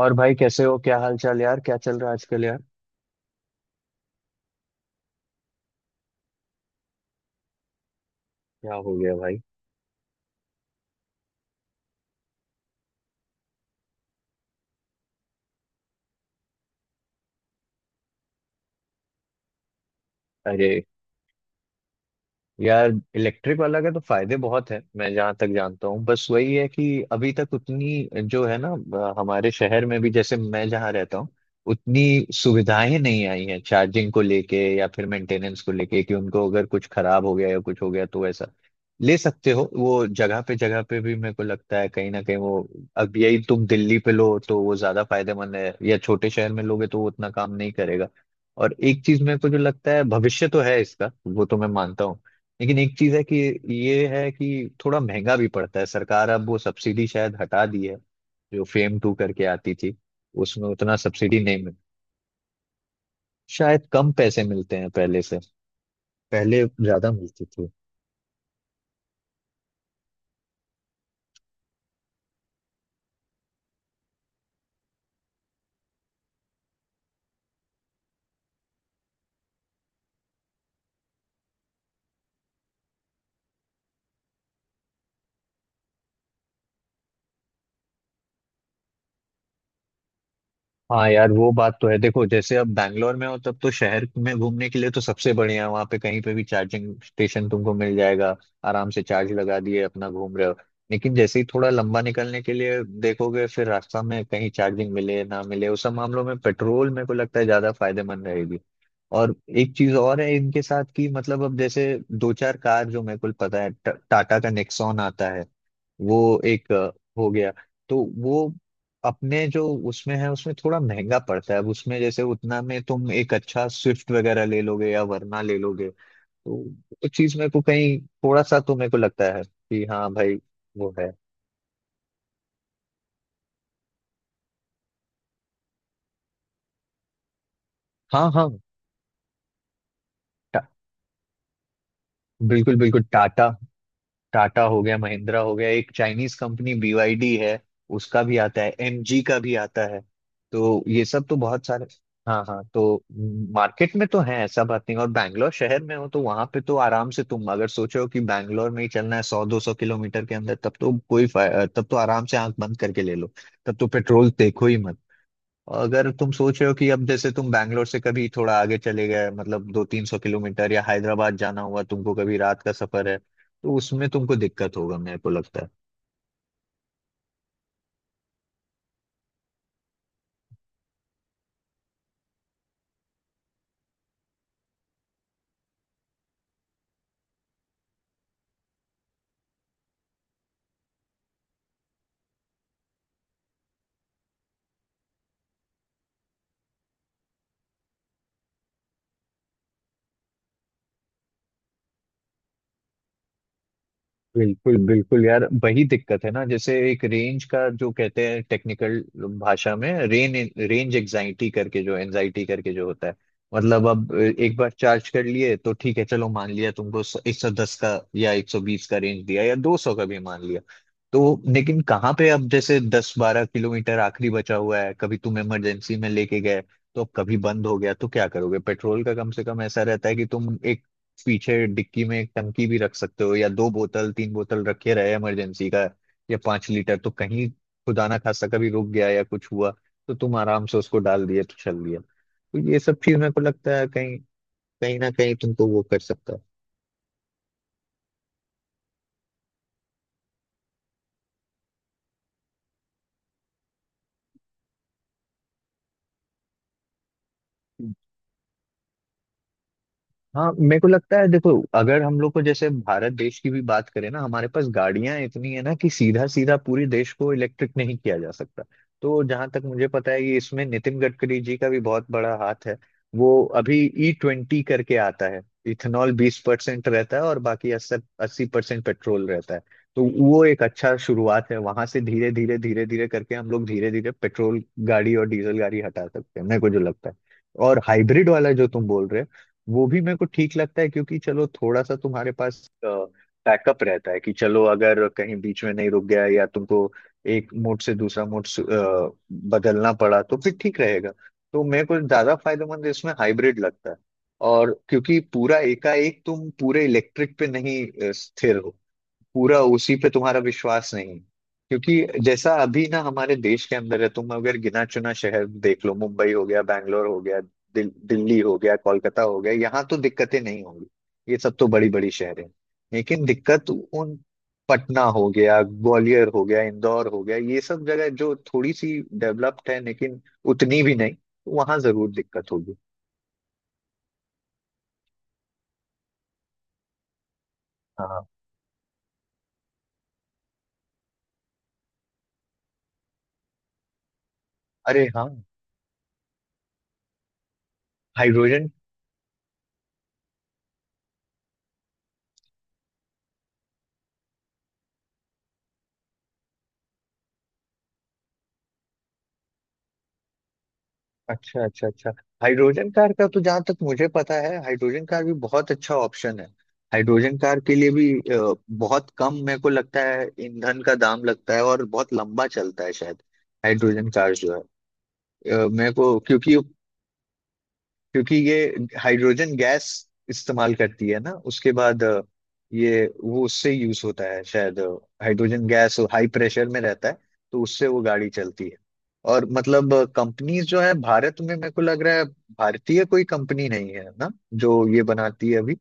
और भाई कैसे हो, क्या हाल चाल यार? क्या चल रहा है आजकल यार? क्या हो गया भाई? अरे यार, इलेक्ट्रिक वाला का तो फायदे बहुत हैं। मैं जहाँ तक जानता हूँ, बस वही है कि अभी तक उतनी जो है ना, हमारे शहर में भी, जैसे मैं जहाँ रहता हूँ, उतनी सुविधाएं नहीं आई हैं। चार्जिंग को लेके या फिर मेंटेनेंस को लेके कि उनको अगर कुछ खराब हो गया या कुछ हो गया तो ऐसा ले सकते हो। वो जगह पे भी मेरे को लगता है कहीं ना कहीं वो, अब यही तुम दिल्ली पे लो तो वो ज्यादा फायदेमंद है, या छोटे शहर में लोगे तो वो उतना काम नहीं करेगा। और एक चीज मेरे को जो लगता है, भविष्य तो है इसका वो तो मैं मानता हूँ, लेकिन एक चीज है कि ये है कि थोड़ा महंगा भी पड़ता है। सरकार अब वो सब्सिडी शायद हटा दी है जो फेम टू करके आती थी। उसमें उतना सब्सिडी नहीं मिल, शायद कम पैसे मिलते हैं पहले से। पहले ज्यादा मिलती थी। हाँ यार, वो बात तो है। देखो जैसे अब बैंगलोर में हो तब तो शहर में घूमने के लिए तो सबसे बढ़िया है। वहाँ पे कहीं पे भी चार्जिंग स्टेशन तुमको मिल जाएगा, आराम से चार्ज लगा दिए अपना घूम रहे हो। लेकिन जैसे ही थोड़ा लंबा निकलने के लिए देखोगे, फिर रास्ता में कहीं चार्जिंग मिले ना मिले, उस सब मामलों में पेट्रोल मेरे को लगता है ज्यादा फायदेमंद रहेगी। और एक चीज और है इनके साथ कि मतलब अब जैसे दो चार कार जो मेरे को पता है, टाटा का नेक्सॉन आता है। वो एक हो गया, तो वो अपने जो उसमें है, उसमें थोड़ा महंगा पड़ता है। अब उसमें जैसे उतना में तुम एक अच्छा स्विफ्ट वगैरह ले लोगे या वरना ले लोगे, तो वो चीज मेरे को कहीं थोड़ा सा तो मेरे को लगता है कि हाँ भाई, वो है। हाँ हाँ। टा- बिल्कुल बिल्कुल, टाटा। टाटा हो गया, महिंद्रा हो गया, एक चाइनीज कंपनी BYD है। उसका भी आता है, MG का भी आता है, तो ये सब तो बहुत सारे। हाँ हाँ, तो मार्केट में तो है, ऐसा बात नहीं। और बैंगलोर शहर में हो तो वहां पे तो आराम से, तुम अगर सोचो कि बैंगलोर में ही चलना है, 100, 200 किलोमीटर के अंदर, तब तो कोई तब तो आराम से आंख बंद करके ले लो। तब तो पेट्रोल देखो ही मत। और अगर तुम सोच रहे हो कि अब जैसे तुम बैंगलोर से कभी थोड़ा आगे चले गए, मतलब 200, 300 किलोमीटर, या हैदराबाद जाना हुआ तुमको, कभी रात का सफर है, तो उसमें तुमको दिक्कत होगा मेरे को लगता है। बिल्कुल बिल्कुल यार, वही दिक्कत है ना, जैसे एक रेंज का जो कहते हैं टेक्निकल भाषा में, रेन रेंज एग्जाइटी करके जो एंजाइटी करके जो होता है, मतलब अब एक बार चार्ज कर लिए तो ठीक है, चलो मान लिया तुमको 110 का या 120 का रेंज दिया, या 200 का भी मान लिया। तो लेकिन कहाँ पे अब जैसे 10-12 किलोमीटर आखिरी बचा हुआ है, कभी तुम इमरजेंसी में लेके गए, तो अब कभी बंद हो गया तो क्या करोगे? पेट्रोल का कम से कम ऐसा रहता है कि तुम पीछे डिक्की में एक टंकी भी रख सकते हो, या दो बोतल तीन बोतल रखे रहे इमरजेंसी का, या 5 लीटर, तो कहीं खुदा ना खास्ता कभी रुक गया या कुछ हुआ तो तुम आराम से उसको डाल दिए तो चल दिया। तो ये सब चीज मेरे को लगता है कहीं कहीं ना कहीं तुमको वो कर सकता है। हाँ, मेरे को लगता है देखो, अगर हम लोग को जैसे भारत देश की भी बात करें ना, हमारे पास गाड़ियां इतनी है ना कि सीधा सीधा पूरे देश को इलेक्ट्रिक नहीं किया जा सकता। तो जहां तक मुझे पता है कि इसमें नितिन गडकरी जी का भी बहुत बड़ा हाथ है। वो अभी E20 करके आता है। इथेनॉल 20% रहता है और बाकी अस्सी, 80% पेट्रोल रहता है। तो वो एक अच्छा शुरुआत है, वहां से धीरे धीरे धीरे धीरे करके हम लोग धीरे धीरे पेट्रोल गाड़ी और डीजल गाड़ी हटा सकते हैं, मेरे को जो लगता है। और हाइब्रिड वाला जो तुम बोल रहे हो, वो भी मेरे को ठीक लगता है क्योंकि चलो थोड़ा सा तुम्हारे पास बैकअप रहता है कि चलो अगर कहीं बीच में नहीं रुक गया, या तुमको एक मोड से दूसरा मोड बदलना पड़ा तो फिर ठीक रहेगा। तो मेरे को ज्यादा फायदेमंद इसमें हाइब्रिड लगता है। और क्योंकि पूरा एकाएक तुम पूरे इलेक्ट्रिक पे नहीं स्थिर हो, पूरा उसी पे तुम्हारा विश्वास नहीं। क्योंकि जैसा अभी ना हमारे देश के अंदर है, तुम अगर गिना चुना शहर देख लो, मुंबई हो गया, बैंगलोर हो गया, दिल्ली हो गया, कोलकाता हो गया, यहाँ तो दिक्कतें नहीं होंगी। ये सब तो बड़ी बड़ी शहर है। लेकिन दिक्कत उन, पटना हो गया, ग्वालियर हो गया, इंदौर हो गया, ये सब जगह जो थोड़ी सी डेवलप्ड है लेकिन उतनी भी नहीं, वहां जरूर दिक्कत होगी। हाँ। अरे हाँ, हाइड्रोजन। अच्छा अच्छा अच्छा, हाइड्रोजन कार का तो जहां तक मुझे पता है, हाइड्रोजन कार भी बहुत अच्छा ऑप्शन है। हाइड्रोजन कार के लिए भी बहुत कम मेरे को लगता है ईंधन का दाम लगता है, और बहुत लंबा चलता है शायद हाइड्रोजन कार जो है। मेरे को, क्योंकि क्योंकि ये हाइड्रोजन गैस इस्तेमाल करती है ना। उसके बाद ये वो उससे यूज होता है शायद। हाइड्रोजन गैस हाई प्रेशर में रहता है, तो उससे वो गाड़ी चलती है। और मतलब कंपनीज जो है भारत में, मेरे को लग रहा है भारतीय कोई कंपनी नहीं है ना जो ये बनाती है अभी।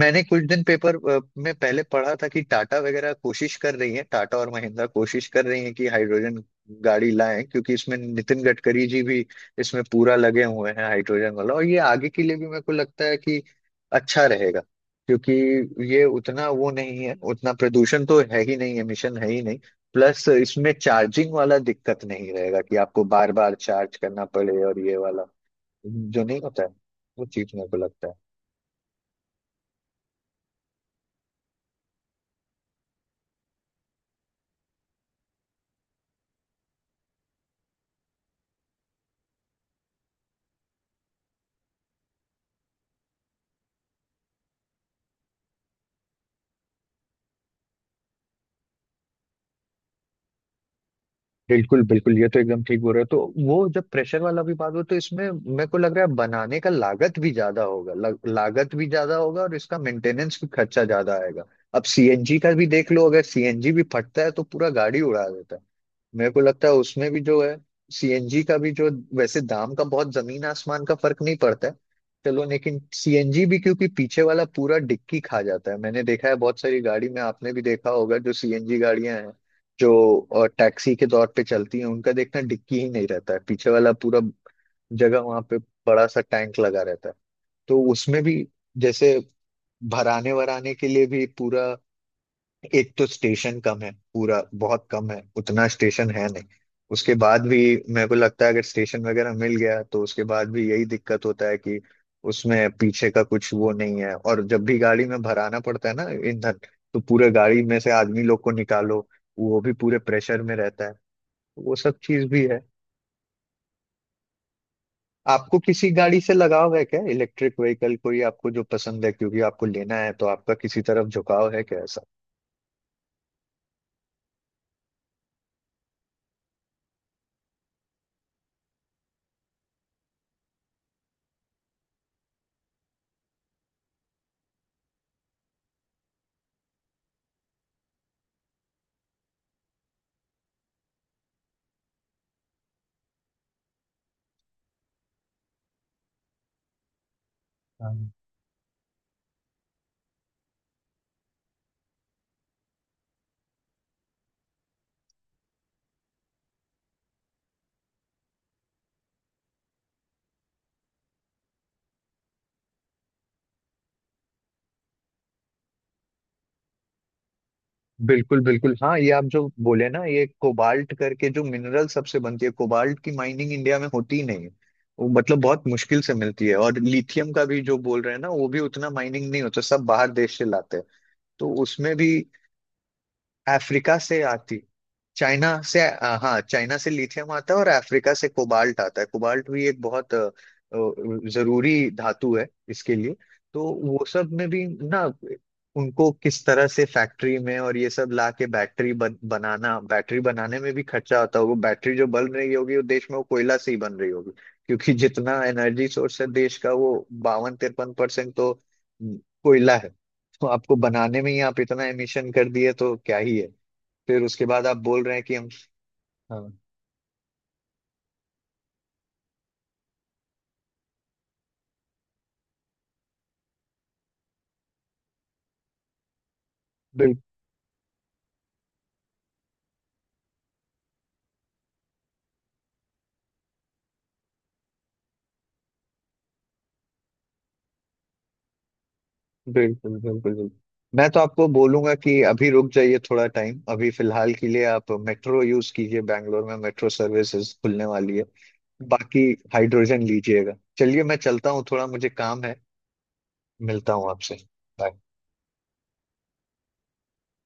मैंने कुछ दिन पेपर में पहले पढ़ा था कि टाटा वगैरह कोशिश कर रही है, टाटा और महिंद्रा कोशिश कर रही है कि हाइड्रोजन गाड़ी लाएं, क्योंकि इसमें नितिन गडकरी जी भी इसमें पूरा लगे हुए हैं हाइड्रोजन वाला। और ये आगे के लिए भी मेरे को लगता है कि अच्छा रहेगा क्योंकि ये उतना वो नहीं है, उतना प्रदूषण तो है ही नहीं, एमिशन है ही नहीं। प्लस इसमें चार्जिंग वाला दिक्कत नहीं रहेगा कि आपको बार बार चार्ज करना पड़े, और ये वाला जो नहीं होता है, वो चीज मेरे को लगता है। बिल्कुल बिल्कुल, ये तो एकदम ठीक बोल रहे हो। तो वो जब प्रेशर वाला भी बात हो तो इसमें मेरे को लग रहा है बनाने का लागत भी ज्यादा होगा, लागत भी ज्यादा होगा, और इसका मेंटेनेंस भी खर्चा ज्यादा आएगा। अब सीएनजी का भी देख लो, अगर सीएनजी भी फटता है तो पूरा गाड़ी उड़ा देता है। मेरे को लगता है उसमें भी जो है, सीएनजी का भी जो, वैसे दाम का बहुत जमीन आसमान का फर्क नहीं पड़ता है। चलो लेकिन सीएनजी भी क्योंकि पीछे वाला पूरा डिक्की खा जाता है, मैंने देखा है बहुत सारी गाड़ी में, आपने भी देखा होगा जो सीएनजी गाड़ियां हैं जो टैक्सी के तौर पे चलती है, उनका देखना डिक्की ही नहीं रहता है, पीछे वाला पूरा जगह वहां पे बड़ा सा टैंक लगा रहता है। तो उसमें भी, जैसे भराने वराने के लिए भी पूरा, एक तो स्टेशन कम है, पूरा बहुत कम है, उतना स्टेशन है नहीं। उसके बाद भी मेरे को लगता है अगर स्टेशन वगैरह मिल गया तो उसके बाद भी यही दिक्कत होता है कि उसमें पीछे का कुछ वो नहीं है, और जब भी गाड़ी में भराना पड़ता है ना ईंधन, तो पूरे गाड़ी में से आदमी लोग को निकालो, वो भी पूरे प्रेशर में रहता है। वो सब चीज भी है। आपको किसी गाड़ी से लगाव है क्या? इलेक्ट्रिक व्हीकल कोई आपको जो पसंद है? क्योंकि आपको लेना है, तो आपका किसी तरफ झुकाव है क्या ऐसा? हाँ। बिल्कुल बिल्कुल। हाँ, ये आप जो बोले ना, ये कोबाल्ट करके जो मिनरल, सबसे बनती है, कोबाल्ट की माइनिंग इंडिया में होती ही नहीं है। वो मतलब बहुत मुश्किल से मिलती है। और लिथियम का भी जो बोल रहे हैं ना, वो भी उतना माइनिंग नहीं होता, सब बाहर देश से लाते हैं। तो उसमें भी अफ्रीका से आती, हाँ चाइना से लिथियम आता है, और अफ्रीका से कोबाल्ट आता है। कोबाल्ट भी एक बहुत जरूरी धातु है इसके लिए। तो वो सब में भी ना, उनको किस तरह से फैक्ट्री में और ये सब ला के बैटरी बनाना, बैटरी बनाने में भी खर्चा होता होगा। बैटरी जो बन रही होगी वो देश में, वो कोयला से ही बन रही होगी क्योंकि जितना एनर्जी सोर्स है देश का, वो 52-53% तो कोयला है। तो आपको बनाने में ही आप इतना एमिशन कर दिए तो क्या ही है? फिर उसके बाद आप बोल रहे हैं कि हम। हाँ। बिल्कुल बिल्कुल बिल्कुल बिल्कुल। मैं तो आपको बोलूंगा कि अभी रुक जाइए थोड़ा टाइम, अभी फिलहाल के लिए आप मेट्रो यूज कीजिए, बैंगलोर में मेट्रो सर्विसेज खुलने वाली है। बाकी हाइड्रोजन लीजिएगा। चलिए, मैं चलता हूँ, थोड़ा मुझे काम है। मिलता हूँ आपसे। Bye.